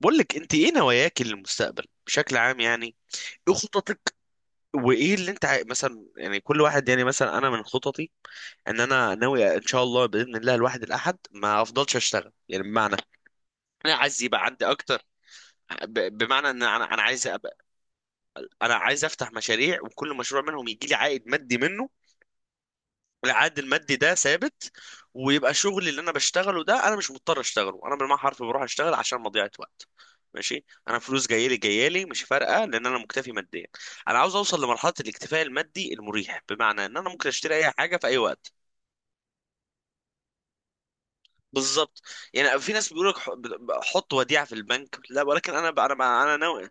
بقول لك انت ايه نواياك للمستقبل بشكل عام؟ يعني ايه خططك؟ وايه اللي انت مثلا، يعني كل واحد، يعني مثلا انا من خططي ان انا ناوي ان شاء الله باذن الله الواحد الاحد ما افضلش اشتغل، يعني بمعنى انا عايز يبقى عندي اكتر. بمعنى ان انا عايز ابقى. انا عايز افتح مشاريع، وكل مشروع منهم يجي لي عائد مادي منه. العائد المادي ده ثابت، ويبقى شغلي اللي انا بشتغله ده انا مش مضطر اشتغله، انا بالمعنى حرفي بروح اشتغل عشان مضيعة وقت. ماشي، انا فلوس جايه لي جايه لي مش فارقه لان انا مكتفي ماديا. انا عاوز اوصل لمرحله الاكتفاء المادي المريح، بمعنى ان انا ممكن اشتري اي حاجه في اي وقت. بالظبط. يعني في ناس بيقول لك حط وديعه في البنك، لا، ولكن انا ناوي.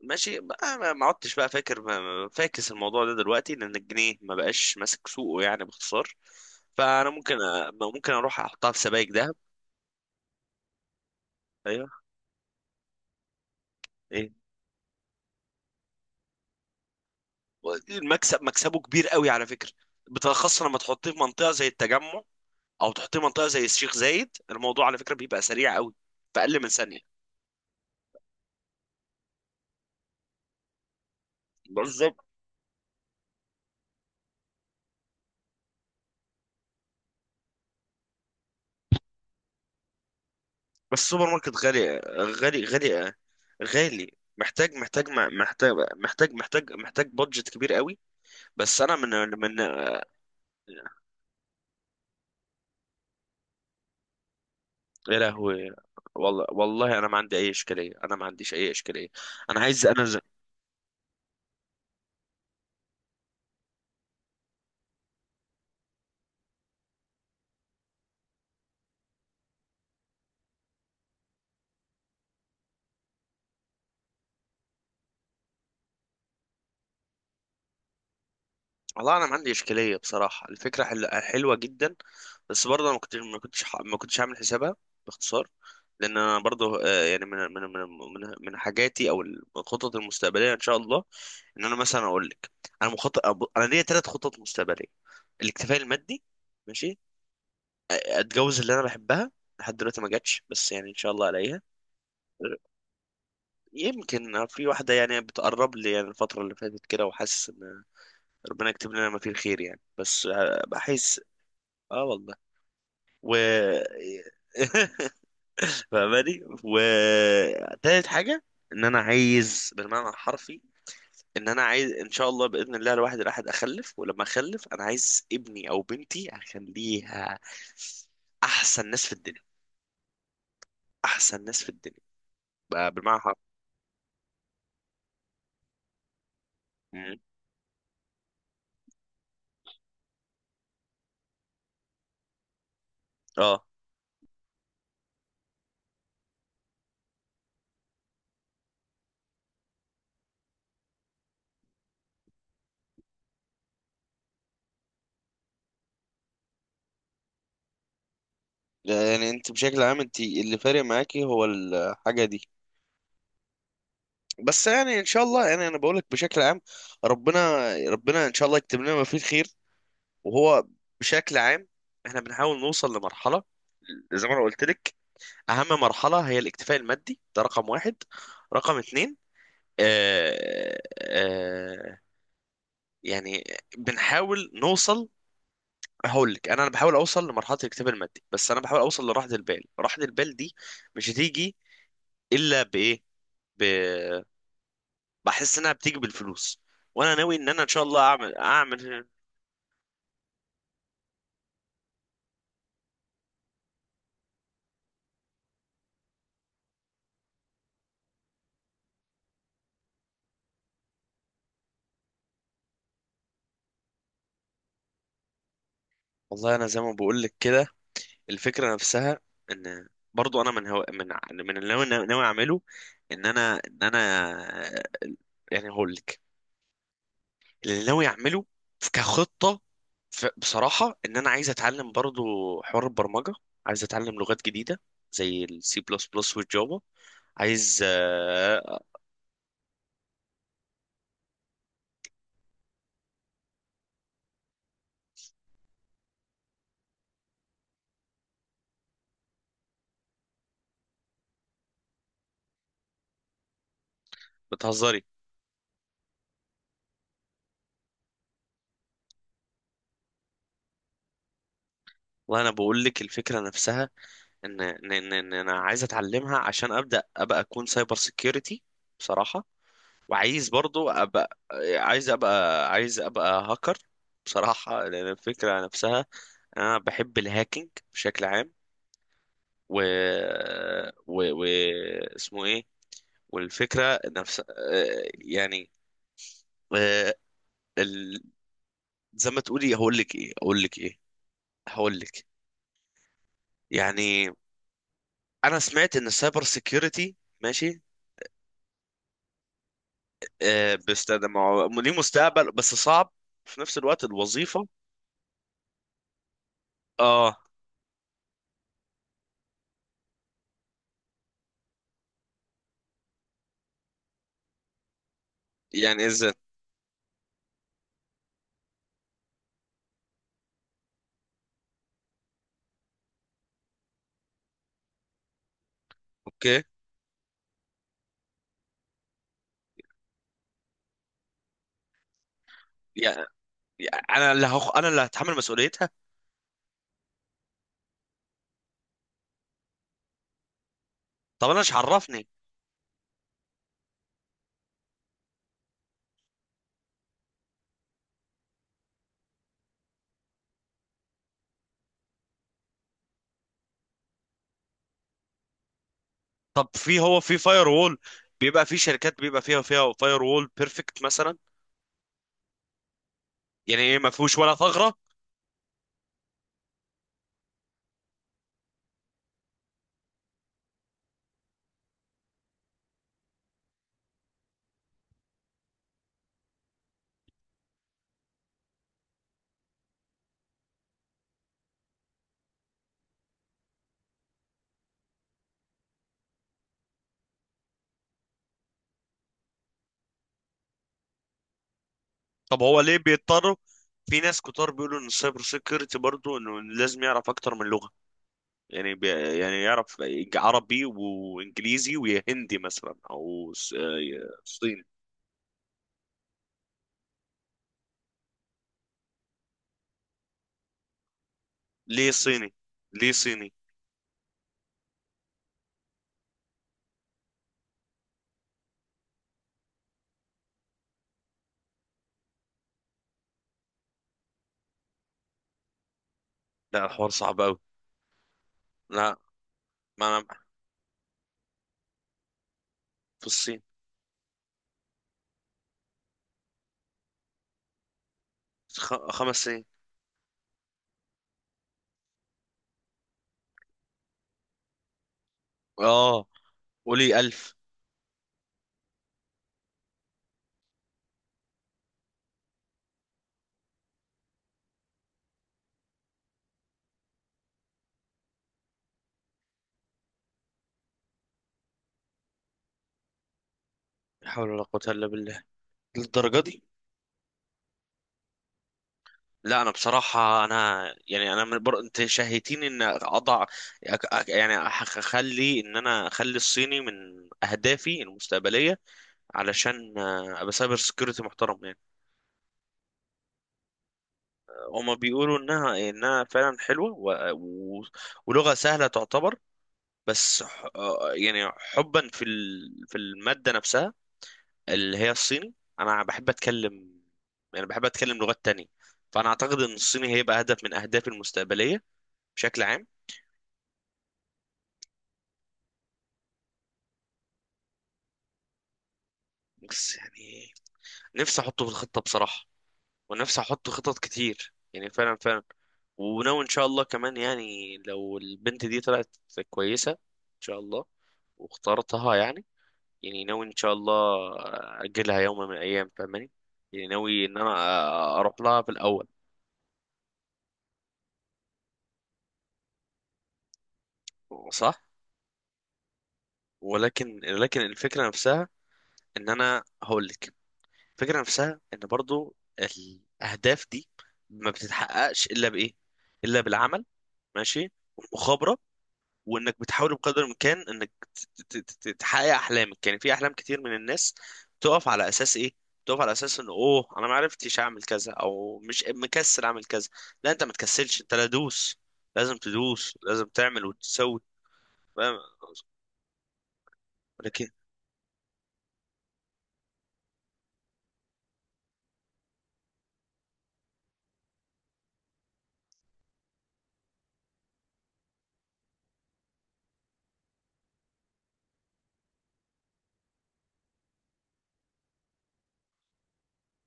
ماشي بقى، ما عدتش بقى فاكر فاكس الموضوع ده دلوقتي، لان الجنيه ما بقاش ماسك سوقه، يعني باختصار. فانا ممكن ممكن اروح احطها في سبائك ذهب. ايوه. ايه. المكسب مكسبه كبير قوي على فكره، بالاخص لما تحطيه في منطقه زي التجمع، او تحطيه في منطقه زي الشيخ زايد، الموضوع على فكره بيبقى سريع قوي، في اقل من ثانيه. بالظبط. بس السوبر ماركت غالي، غالي، غالي، غالي. محتاج، محتاج، محتاج، محتاج، محتاج، محتاج بادجت كبير قوي. بس انا من يا لهوي. والله والله انا ما عندي اي اشكاليه، انا ما عنديش اي اشكاليه. انا عايز انا والله انا ما عندي اشكاليه، بصراحه الفكره حلوه جدا. بس برضه انا ما كنتش عامل حسابها، باختصار. لان انا برضه يعني من حاجاتي، او الخطط المستقبليه ان شاء الله، ان انا مثلا اقول لك، انا انا ليا 3 خطط مستقبليه. الاكتفاء المادي. ماشي. اتجوز اللي انا بحبها. لحد دلوقتي ما جاتش، بس يعني ان شاء الله الاقيها. يمكن في واحدة يعني بتقرب لي، يعني الفترة اللي فاتت كده، وحاسس إن ربنا يكتب لنا ما فيه الخير، يعني بس بحس. اه والله. و فاهماني. و تالت حاجة. إن أنا عايز بالمعنى الحرفي، إن أنا عايز إن شاء الله بإذن الله الواحد الأحد أخلف، ولما أخلف أنا عايز ابني أو بنتي أخليها أحسن ناس في الدنيا. أحسن ناس في الدنيا، بقى بالمعنى الحرفي. مم. اه. يعني انت بشكل عام، انت اللي فارق معاكي هو الحاجة دي. بس يعني ان شاء الله، يعني انا بقول لك بشكل عام، ربنا ربنا ان شاء الله يكتب لنا ما فيه الخير. وهو بشكل عام احنا بنحاول نوصل لمرحله، زي ما انا قلت لك اهم مرحله هي الاكتفاء المادي، ده رقم واحد، رقم اتنين آه آه يعني بنحاول نوصل. هقول لك، انا بحاول اوصل لمرحله الاكتفاء المادي، بس انا بحاول اوصل لراحه البال. راحه البال دي مش هتيجي الا بايه؟ بحس انها بتيجي بالفلوس. وانا ناوي ان انا ان شاء الله اعمل. والله انا زي ما بقول لك كده، الفكره نفسها ان برضو انا من هو من ع- من اللي ناوي اعمله، ان انا يعني هقول لك، اللي ناوي اعمله كخطه، بصراحه ان انا عايز اتعلم برضو حوار البرمجه، عايز اتعلم لغات جديده زي السي بلس بلس والجافا. عايز بتهزري؟ والله انا بقول لك الفكره نفسها، ان ان ان إن انا عايز اتعلمها عشان ابدا ابقى اكون سايبر سيكيورتي، بصراحه. وعايز برضو ابقى عايز ابقى هاكر، بصراحه. لان الفكره نفسها انا بحب الهاكينج بشكل عام. و و, و... اسمه ايه؟ والفكره نفسها يعني آه، ال- زي ما تقولي. هقول لك يعني. انا سمعت ان السايبر سيكيورتي، ماشي بيستخدم. ما هو ليه مستقبل بس صعب في نفس الوقت الوظيفة. اه. يعني ازاي؟ اوكي. يعني يعني انا اللي انا اللي هتحمل مسؤوليتها. طب انا مش عرفني. طب في، هو في فاير وول، بيبقى في شركات بيبقى فيها فاير وول بيرفكت مثلا. يعني ايه؟ ما فيهوش ولا ثغرة؟ طب هو ليه بيضطروا؟ في ناس كتار بيقولوا ان السايبر سيكيورتي برضه انه لازم يعرف اكتر من لغة. يعني يعني يعرف عربي وانجليزي وهندي مثلا او صيني. ليه صيني؟ ليه صيني؟ لا الحوار صعب قوي. لا. ما انا في الصين. خ... 5 سنين. اه قولي 1000. لا حول ولا قوة إلا بالله. للدرجة دي؟ لا أنا بصراحة أنا يعني أنا أنت شهيتيني إن أضع. أخلي إن أنا أخلي الصيني من أهدافي المستقبلية، علشان أبقى سايبر سكيورتي محترم يعني. هما بيقولوا إنها فعلا حلوة، ولغة سهلة تعتبر. بس يعني حبا في في المادة نفسها اللي هي الصيني. انا بحب اتكلم، يعني بحب اتكلم لغات تانية، فانا اعتقد ان الصيني هيبقى هدف من اهدافي المستقبلية بشكل عام. بس يعني نفسي احطه في الخطة بصراحة، ونفسي احط خطط كتير يعني، فعلا فعلا. وناوي ان شاء الله كمان يعني، لو البنت دي طلعت كويسة ان شاء الله واخترتها يعني ناوي ان شاء الله اجلها يوم من الايام فاهماني، يعني ناوي ان انا اروح لها في الاول. صح. ولكن الفكره نفسها ان انا هقول لك الفكره نفسها ان برضو الاهداف دي ما بتتحققش الا بايه؟ الا بالعمل. ماشي، والمخابره، وانك بتحاول بقدر الامكان انك تحقق احلامك، يعني في احلام كتير من الناس تقف على اساس ايه؟ تقف على اساس ان انا ما عرفتش اعمل كذا، او مش مكسل اعمل كذا. لا، انت ما تكسلش، انت لا، دوس، لازم تدوس، لازم تعمل وتسوي. فاهم؟ لكن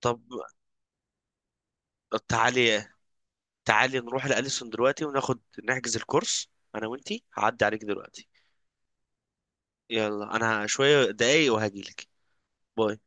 طب تعالي، تعالي نروح لأليسون دلوقتي وناخد نحجز الكورس. انا وانتي، هعدي عليك دلوقتي. يلا، انا شوية دقايق وهجيلك. باي.